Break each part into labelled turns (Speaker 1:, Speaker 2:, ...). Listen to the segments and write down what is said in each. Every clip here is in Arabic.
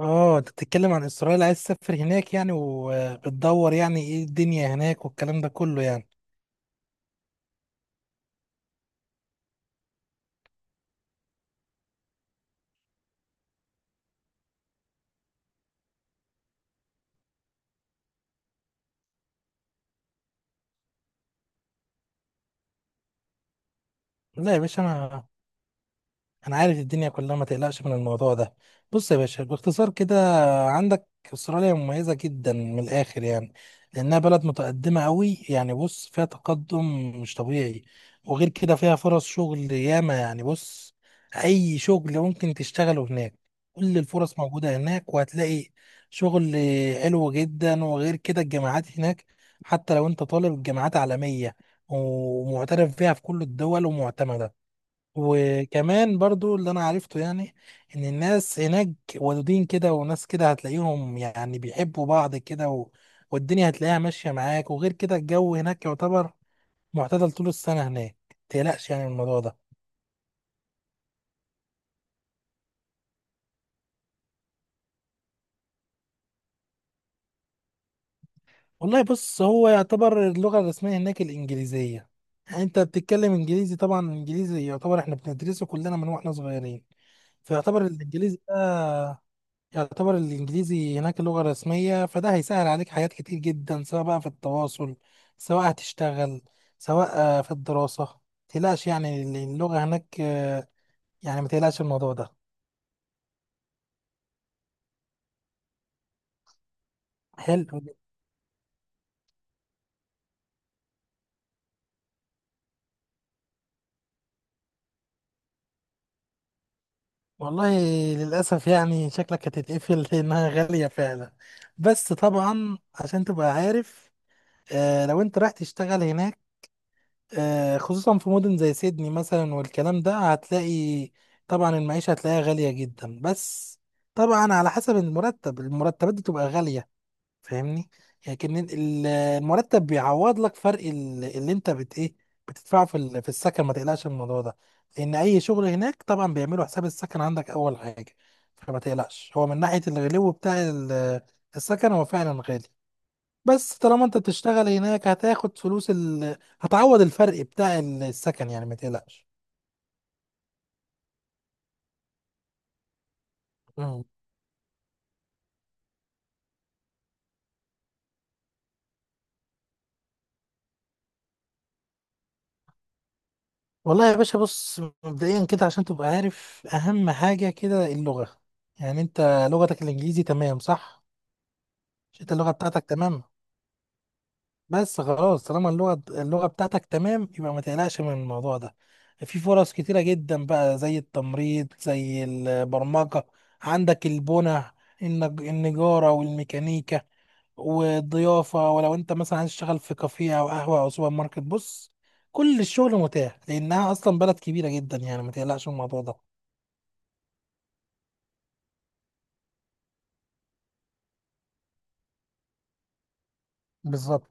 Speaker 1: اه، انت بتتكلم عن اسرائيل، عايز تسافر هناك يعني، وبتدور يعني ايه الدنيا هناك والكلام ده كله يعني. لا يا باشا، انا عارف الدنيا كلها، ما تقلقش من الموضوع ده. بص يا باشا، باختصار كده، عندك استراليا مميزة جدا من الاخر يعني، لانها بلد متقدمة قوي يعني، بص فيها تقدم مش طبيعي. وغير كده فيها فرص شغل ياما يعني، بص اي شغل ممكن تشتغله هناك، كل الفرص موجودة هناك، وهتلاقي شغل حلو جدا. وغير كده الجامعات هناك، حتى لو انت طالب، الجامعات عالمية ومعترف فيها في كل الدول ومعتمدة. وكمان برضو اللي انا عرفته يعني، ان الناس هناك ودودين كده، وناس كده هتلاقيهم يعني بيحبوا بعض كده، والدنيا هتلاقيها ماشية معاك. وغير كده الجو هناك يعتبر معتدل طول السنة هناك، متقلقش يعني من الموضوع ده. والله بص، هو يعتبر اللغة الرسمية هناك الإنجليزية، يعني انت بتتكلم انجليزي طبعا، الانجليزي يعتبر، احنا بندرسه كلنا من واحنا صغيرين. فيعتبر الانجليزي ده، يعتبر الإنجليزي هناك اللغة الرسمية، فده هيسهل عليك حاجات كتير جدا، سواء بقى في التواصل، سواء هتشتغل، سواء في الدراسة. متقلقش يعني اللغة هناك. يعني متقلقش الموضوع ده. حلو جداً. والله للأسف يعني شكلك هتتقفل لأنها غالية فعلا، بس طبعا عشان تبقى عارف، لو أنت رايح تشتغل هناك، خصوصا في مدن زي سيدني مثلا والكلام ده، هتلاقي طبعا المعيشة هتلاقيها غالية جدا. بس طبعا على حسب المرتب، المرتبات دي تبقى غالية، فاهمني؟ لكن المرتب بيعوض لك فرق اللي انت ايه، بتدفعه في السكن، ما تقلقش من الموضوع ده، لان اي شغل هناك طبعا بيعملوا حساب السكن عندك اول حاجة. فما تقلقش هو من ناحية الغلو بتاع السكن، هو فعلا غالي. بس طالما انت بتشتغل هناك هتاخد فلوس هتعوض الفرق بتاع السكن يعني، ما تقلقش. مم. والله يا باشا بص، مبدئيا كده عشان تبقى عارف، اهم حاجة كده اللغة، يعني انت لغتك الانجليزي تمام، صح؟ مش انت اللغة بتاعتك تمام. بس خلاص، طالما اللغة بتاعتك تمام، يبقى ما تقلقش من الموضوع ده. في فرص كتيرة جدا بقى، زي التمريض، زي البرمجة، عندك البنى، النجارة والميكانيكا والضيافة. ولو انت مثلا عايز تشتغل في كافيه او قهوة او سوبر ماركت، بص كل الشغل متاح، لانها اصلا بلد كبيرة جدا يعني، ما تقلقش من الموضوع ده. بالظبط.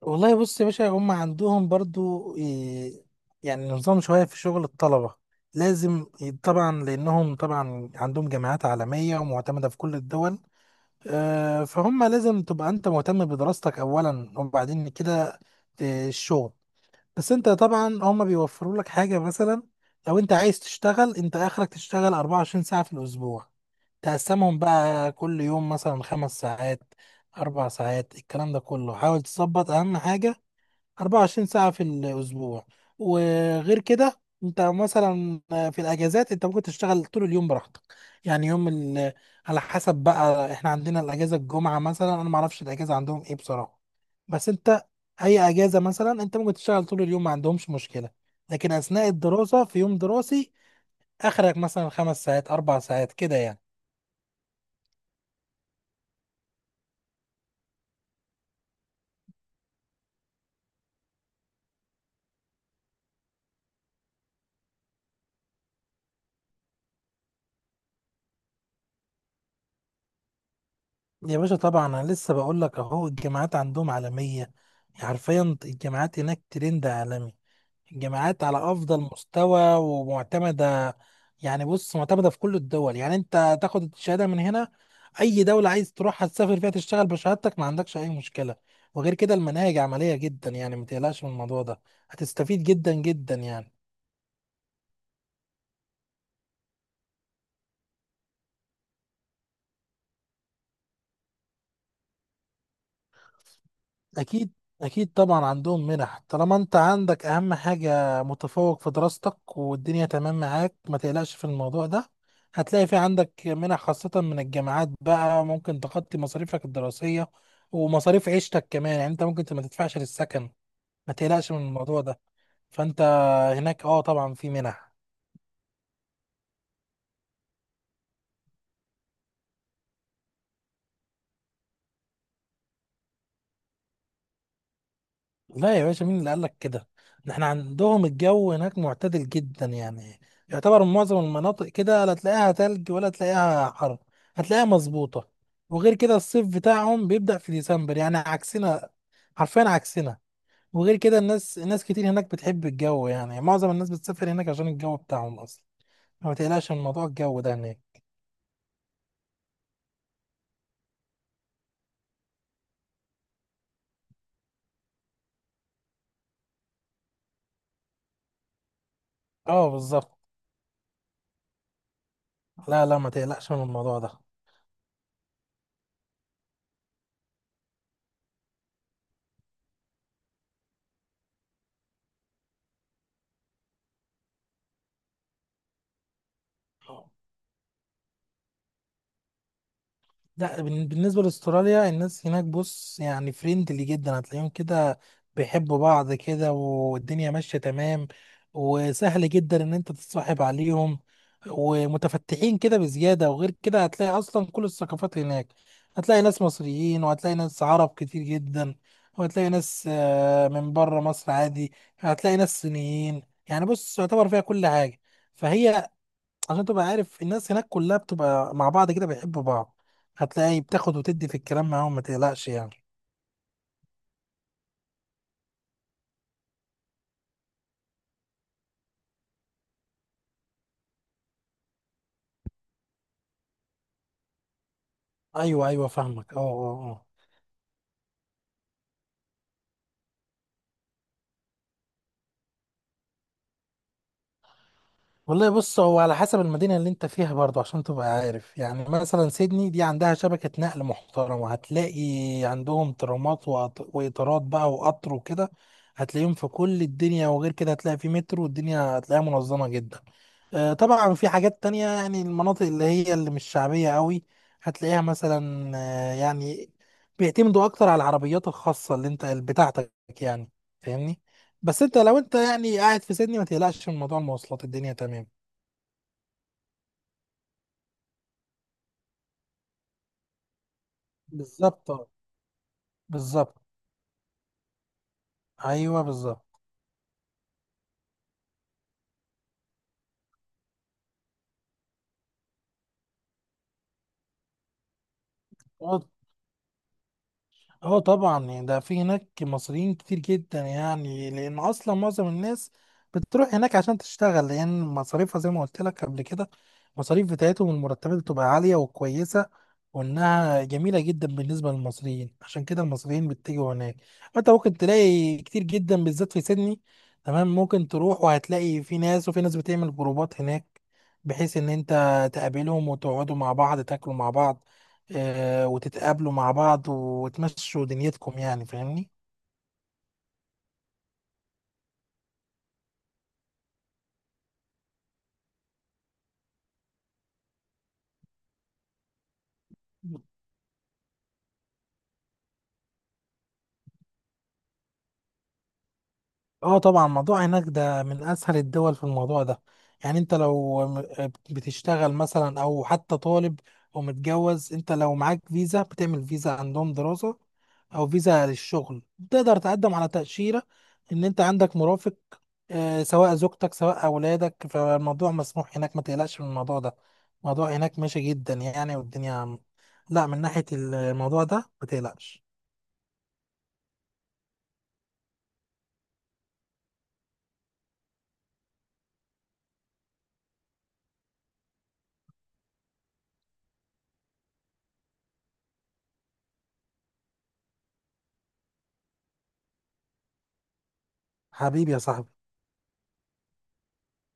Speaker 1: والله بص يا باشا، هم عندهم برضو يعني نظام شوية في شغل الطلبة، طبعا لأنهم طبعا عندهم جامعات عالمية ومعتمدة في كل الدول. فهم لازم تبقى أنت مهتم بدراستك أولا، وبعدين كده الشغل. بس أنت طبعا هم بيوفروا لك حاجة، مثلا لو أنت عايز تشتغل، أنت آخرك تشتغل 24 ساعة في الأسبوع، تقسمهم بقى كل يوم مثلا خمس ساعات، أربع ساعات، الكلام ده كله، حاول تظبط، أهم حاجة 24 ساعة في الأسبوع. وغير كده أنت مثلا في الأجازات أنت ممكن تشتغل طول اليوم براحتك، يعني على حسب بقى، إحنا عندنا الأجازة الجمعة مثلا، أنا معرفش الأجازة عندهم إيه بصراحة. بس أنت أي أجازة مثلا أنت ممكن تشتغل طول اليوم، ما عندهمش مشكلة. لكن أثناء الدراسة، في يوم دراسي، آخرك مثلا خمس ساعات، أربع ساعات كده يعني. يا باشا طبعا أنا لسه بقول لك أهو، الجامعات عندهم عالمية، حرفيا الجامعات هناك ترند عالمي، الجامعات على افضل مستوى ومعتمده. يعني بص معتمده في كل الدول، يعني انت تاخد الشهاده من هنا، اي دوله عايز تروحها تسافر فيها، تشتغل بشهادتك، ما عندكش اي مشكله. وغير كده المناهج عمليه جدا يعني، ما تقلقش من الموضوع ده، هتستفيد جدا جدا يعني. أكيد، أكيد طبعا عندهم منح، طالما أنت عندك أهم حاجة متفوق في دراستك، والدنيا تمام معاك، ما تقلقش في الموضوع ده. هتلاقي في عندك منح خاصة من الجامعات بقى، ممكن تغطي مصاريفك الدراسية ومصاريف عيشتك كمان، يعني أنت ممكن ما تدفعش للسكن، ما تقلقش من الموضوع ده. فأنت هناك أه طبعا في منح. لا يا باشا، مين اللي قال لك كده؟ ده احنا عندهم الجو هناك معتدل جدا يعني، يعتبر معظم المناطق كده لا تلاقيها تلج ولا تلاقيها حر، هتلاقيها مظبوطة. وغير كده الصيف بتاعهم بيبدأ في ديسمبر، يعني عكسنا، حرفيا عكسنا. وغير كده الناس، ناس كتير هناك بتحب الجو، يعني معظم الناس بتسافر هناك عشان الجو بتاعهم أصلا، ما تقلقش من موضوع الجو ده هناك. اه بالظبط. لا لا، ما تقلقش من الموضوع ده. لا بالنسبة لاستراليا، الناس هناك بص يعني فريندلي جدا، هتلاقيهم كده بيحبوا بعض كده، والدنيا ماشية تمام. وسهل جدا ان انت تتصاحب عليهم، ومتفتحين كده بزيادة. وغير كده هتلاقي اصلا كل الثقافات هناك، هتلاقي ناس مصريين، وهتلاقي ناس عرب كتير جدا، وهتلاقي ناس من بره مصر عادي، هتلاقي ناس صينيين. يعني بص يعتبر فيها كل حاجة، فهي، عشان تبقى عارف الناس هناك كلها بتبقى مع بعض كده، بيحبوا بعض، هتلاقي بتاخد وتدي في الكلام معاهم، ما تقلقش يعني. ايوه، ايوه، فاهمك. اه، اه، اه. والله بص، هو على حسب المدينة اللي انت فيها برضو، عشان تبقى عارف. يعني مثلا سيدني دي عندها شبكة نقل محترمة، هتلاقي عندهم ترامات، وقطارات بقى وقطر وكده، هتلاقيهم في كل الدنيا. وغير كده هتلاقي في مترو، والدنيا هتلاقيها منظمة جدا. طبعا في حاجات تانية يعني، المناطق اللي هي اللي مش شعبية قوي، هتلاقيها مثلا يعني بيعتمدوا أكتر على العربيات الخاصة اللي أنت بتاعتك يعني، فاهمني. بس أنت لو أنت يعني قاعد في سيدني، ما تقلقش من موضوع المواصلات، الدنيا تمام. بالظبط. بالظبط، أيوه بالظبط. اه طبعا يعني ده في هناك مصريين كتير جدا يعني، لان اصلا معظم الناس بتروح هناك عشان تشتغل، لان مصاريفها زي ما قلت لك قبل كده، المصاريف بتاعتهم والمرتبات بتبقى عالية وكويسة، وانها جميلة جدا بالنسبة للمصريين، عشان كده المصريين بيتجهوا هناك. انت ممكن تلاقي كتير جدا بالذات في سيدني، تمام. ممكن تروح وهتلاقي في ناس، وفي ناس بتعمل جروبات هناك، بحيث ان انت تقابلهم، وتقعدوا مع بعض تاكلوا مع بعض، وتتقابلوا مع بعض وتمشوا دنيتكم يعني، فاهمني. اه طبعا موضوع هناك ده من اسهل الدول في الموضوع ده. يعني انت بتشتغل مثلا او حتى طالب ومتجوز، انت لو معاك فيزا، بتعمل فيزا عندهم دراسة، او فيزا للشغل، تقدر تقدم على تأشيرة ان انت عندك مرافق، سواء زوجتك سواء اولادك، فالموضوع مسموح هناك، ما تقلقش من الموضوع ده، الموضوع هناك ماشي جدا يعني، والدنيا، لا من ناحية الموضوع ده ما تقلقش. حبيبي يا صاحبي.